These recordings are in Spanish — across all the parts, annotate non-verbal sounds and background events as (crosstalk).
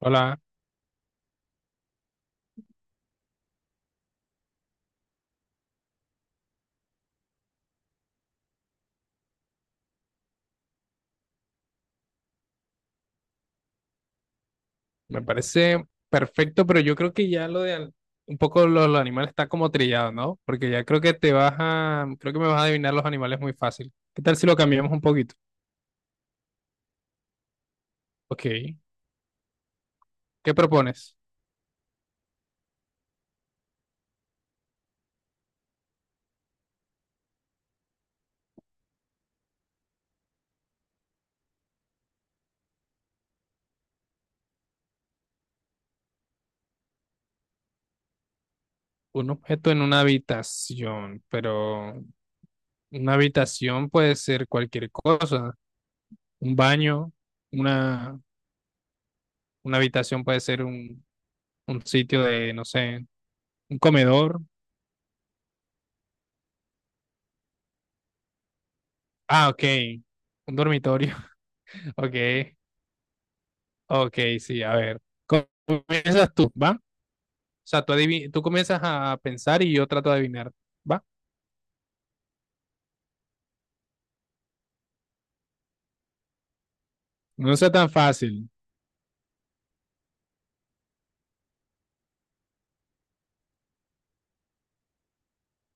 Hola, me parece perfecto, pero yo creo que ya un poco lo animal está como trillado, ¿no? Porque ya creo que creo que me vas a adivinar los animales muy fácil. ¿Qué tal si lo cambiamos un poquito? Ok, ¿qué propones? Un objeto en una habitación, pero una habitación puede ser cualquier cosa, un baño, una, una habitación puede ser un sitio de, no sé, un comedor. Ah, ok, un dormitorio, (laughs) ok. Ok, sí, a ver. Comienzas tú, ¿va? O sea, tú, tú comienzas a pensar y yo trato de adivinar, ¿va? No sea tan fácil.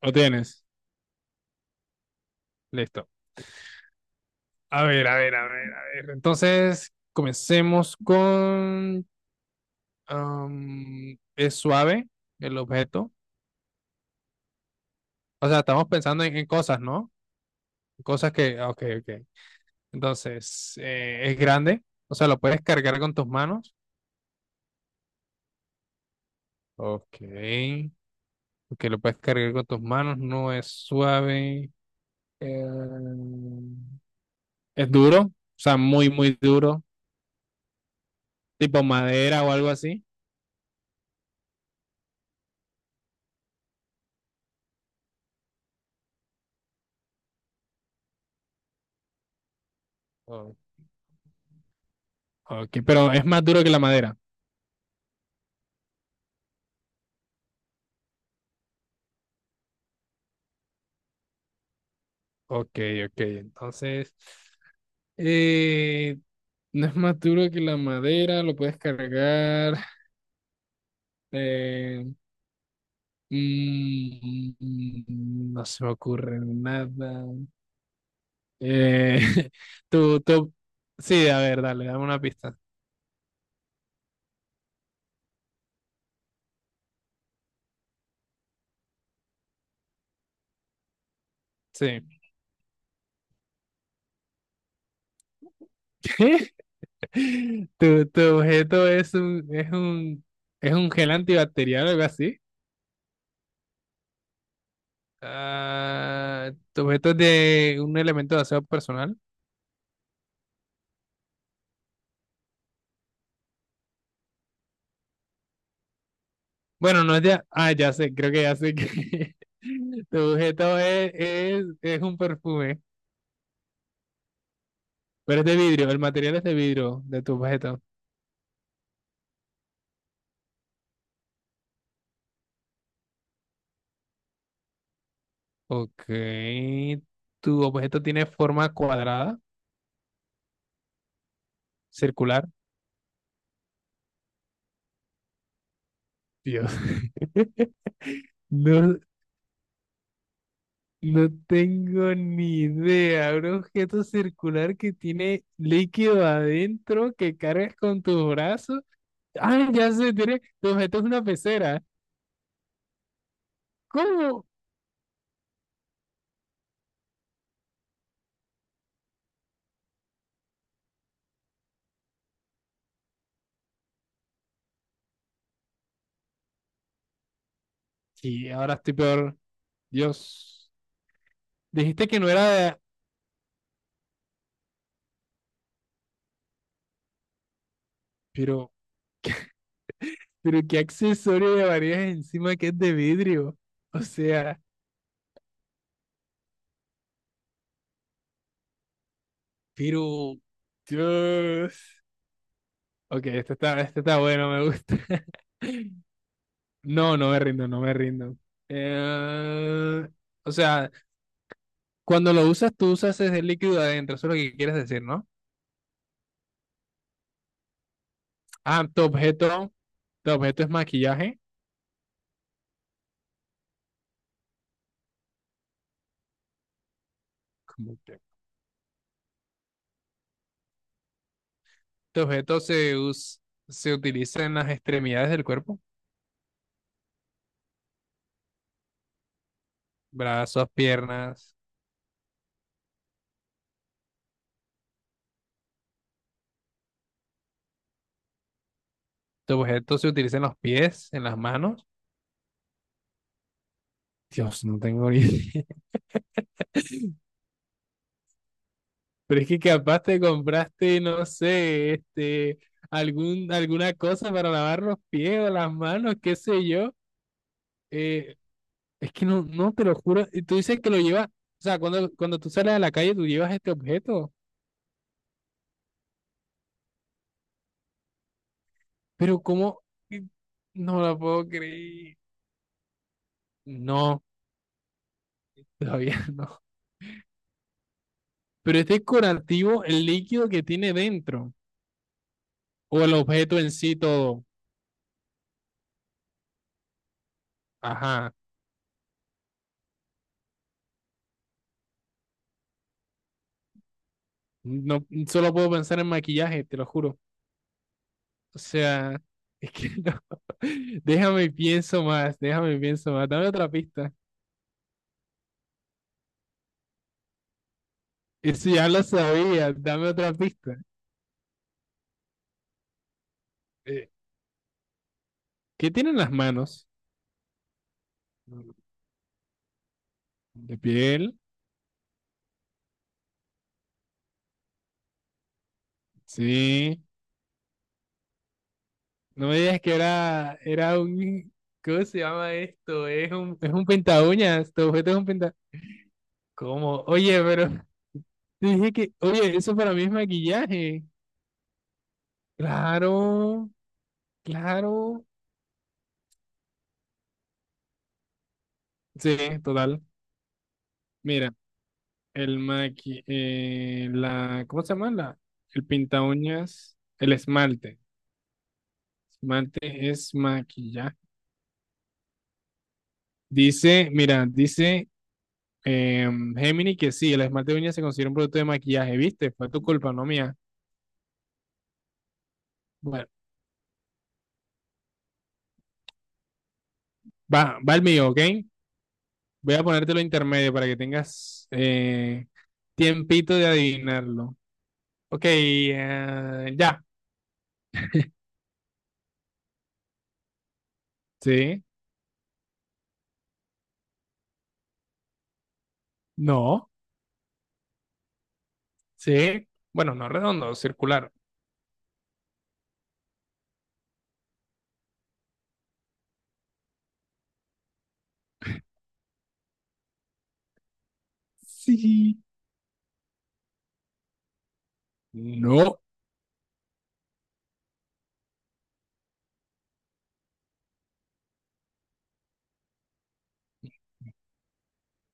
¿Lo tienes? Listo. A ver, a ver, a ver, a ver. Entonces, comencemos con... es suave el objeto. O sea, estamos pensando en cosas, ¿no? Cosas que... Ok, ok. Entonces, es grande. O sea, lo puedes cargar con tus manos. Ok. Ok, lo puedes cargar con tus manos. No es suave. Eh, Es duro, o sea, muy, muy duro, tipo madera o algo así. Oh, ok, pero es más duro que la madera. Ok, ok. Entonces, eh, no es más duro que la madera, lo puedes cargar. eh, no se me ocurre nada. Eh, (laughs) tú, sí, a ver, dale, dame una pista. Sí. (laughs) (laughs) Tu objeto es es un gel antibacterial o algo así. Ah, tu objeto es de un elemento de aseo personal. Bueno, no es de. Ah, ya sé, creo que ya sé que. (laughs) Tu objeto es un perfume, pero es de vidrio. El material es de vidrio de tu objeto. Ok. Tu objeto tiene forma cuadrada, circular. Dios. (laughs) No, no tengo ni idea, un objeto circular que tiene líquido adentro que cargas con tus brazos. Ah, ya sé, tiene, tu objeto es una pecera. ¿Cómo? Sí, ahora estoy peor. Dios, dijiste que no era de... Pero, pero ¿qué accesorio llevarías encima que es de vidrio? O sea, pero... Dios. Ok, este está bueno, me gusta. (laughs) No, no me rindo, no me rindo. Eh, o sea, cuando lo usas, tú usas ese líquido adentro, eso es lo que quieres decir, ¿no? Ah, tu objeto es maquillaje. Como que- Tu objeto se us- Se utiliza en las extremidades del cuerpo, brazos, piernas. Tu objeto se utiliza en los pies, en las manos. Dios, no tengo ni idea. (laughs) Pero es que capaz te compraste, no sé, este, alguna cosa para lavar los pies o las manos, qué sé yo. Eh, Es que no, no, te lo juro. Y tú dices que lo llevas, o sea, cuando tú sales a la calle, tú llevas este objeto. Pero ¿cómo? Y no lo puedo creer. No, todavía (laughs) no. Pero es decorativo el líquido que tiene dentro. O el objeto en sí todo. Ajá. No, solo puedo pensar en maquillaje, te lo juro. O sea, es que (laughs) no. Déjame y pienso más, déjame y pienso más. Dame otra pista. Eso ya lo sabía, dame otra pista. Eh, ¿Qué tienen las manos? De piel, sí. No me digas que era un, ¿cómo se llama esto? Es un penta uñas, tu objeto es un penta. ¿Cómo? Oye, pero (laughs) te dije que, oye, eso para mí es maquillaje. Claro, claro. Sí, total. Mira, ¿cómo se llama? La, el pinta uñas, el esmalte. Esmalte es maquillaje. Dice, mira, dice Gemini, que sí, el esmalte de uñas se considera un producto de maquillaje, ¿viste? Fue tu culpa, no mía. Bueno, va, va el mío, ¿ok? Voy a ponértelo intermedio para que tengas tiempito de adivinarlo. Ok, ya. Sí, no, sí. Bueno, no redondo, circular. Sí. No,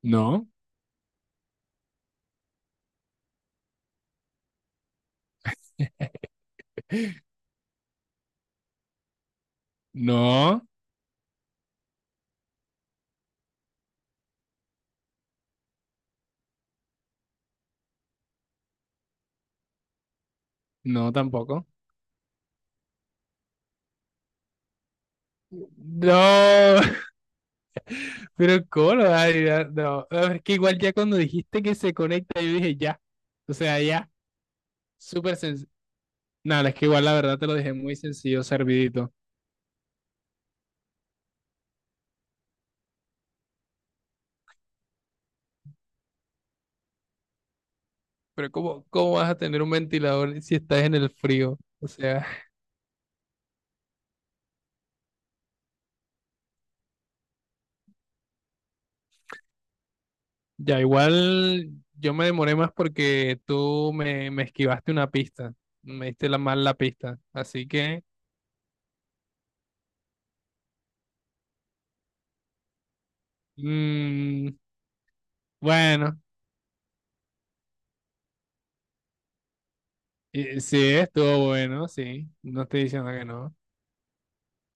no, no, no tampoco. No, (laughs) pero ¿cómo lo vas a adivinar? No, a ver, es que igual ya cuando dijiste que se conecta, yo dije ya. O sea, ya. Súper sencillo. Nada, es que igual la verdad te lo dejé muy sencillo, servidito. Pero ¿cómo, cómo vas a tener un ventilador si estás en el frío? O sea, ya igual yo me demoré más porque me esquivaste una pista. Me diste la mal la pista. Así que, mm, bueno, sí, estuvo bueno, sí. No estoy diciendo que no.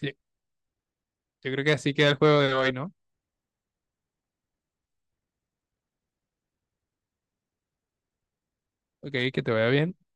Sí, yo creo que así queda el juego de hoy, ¿no? Ok, que te vaya bien.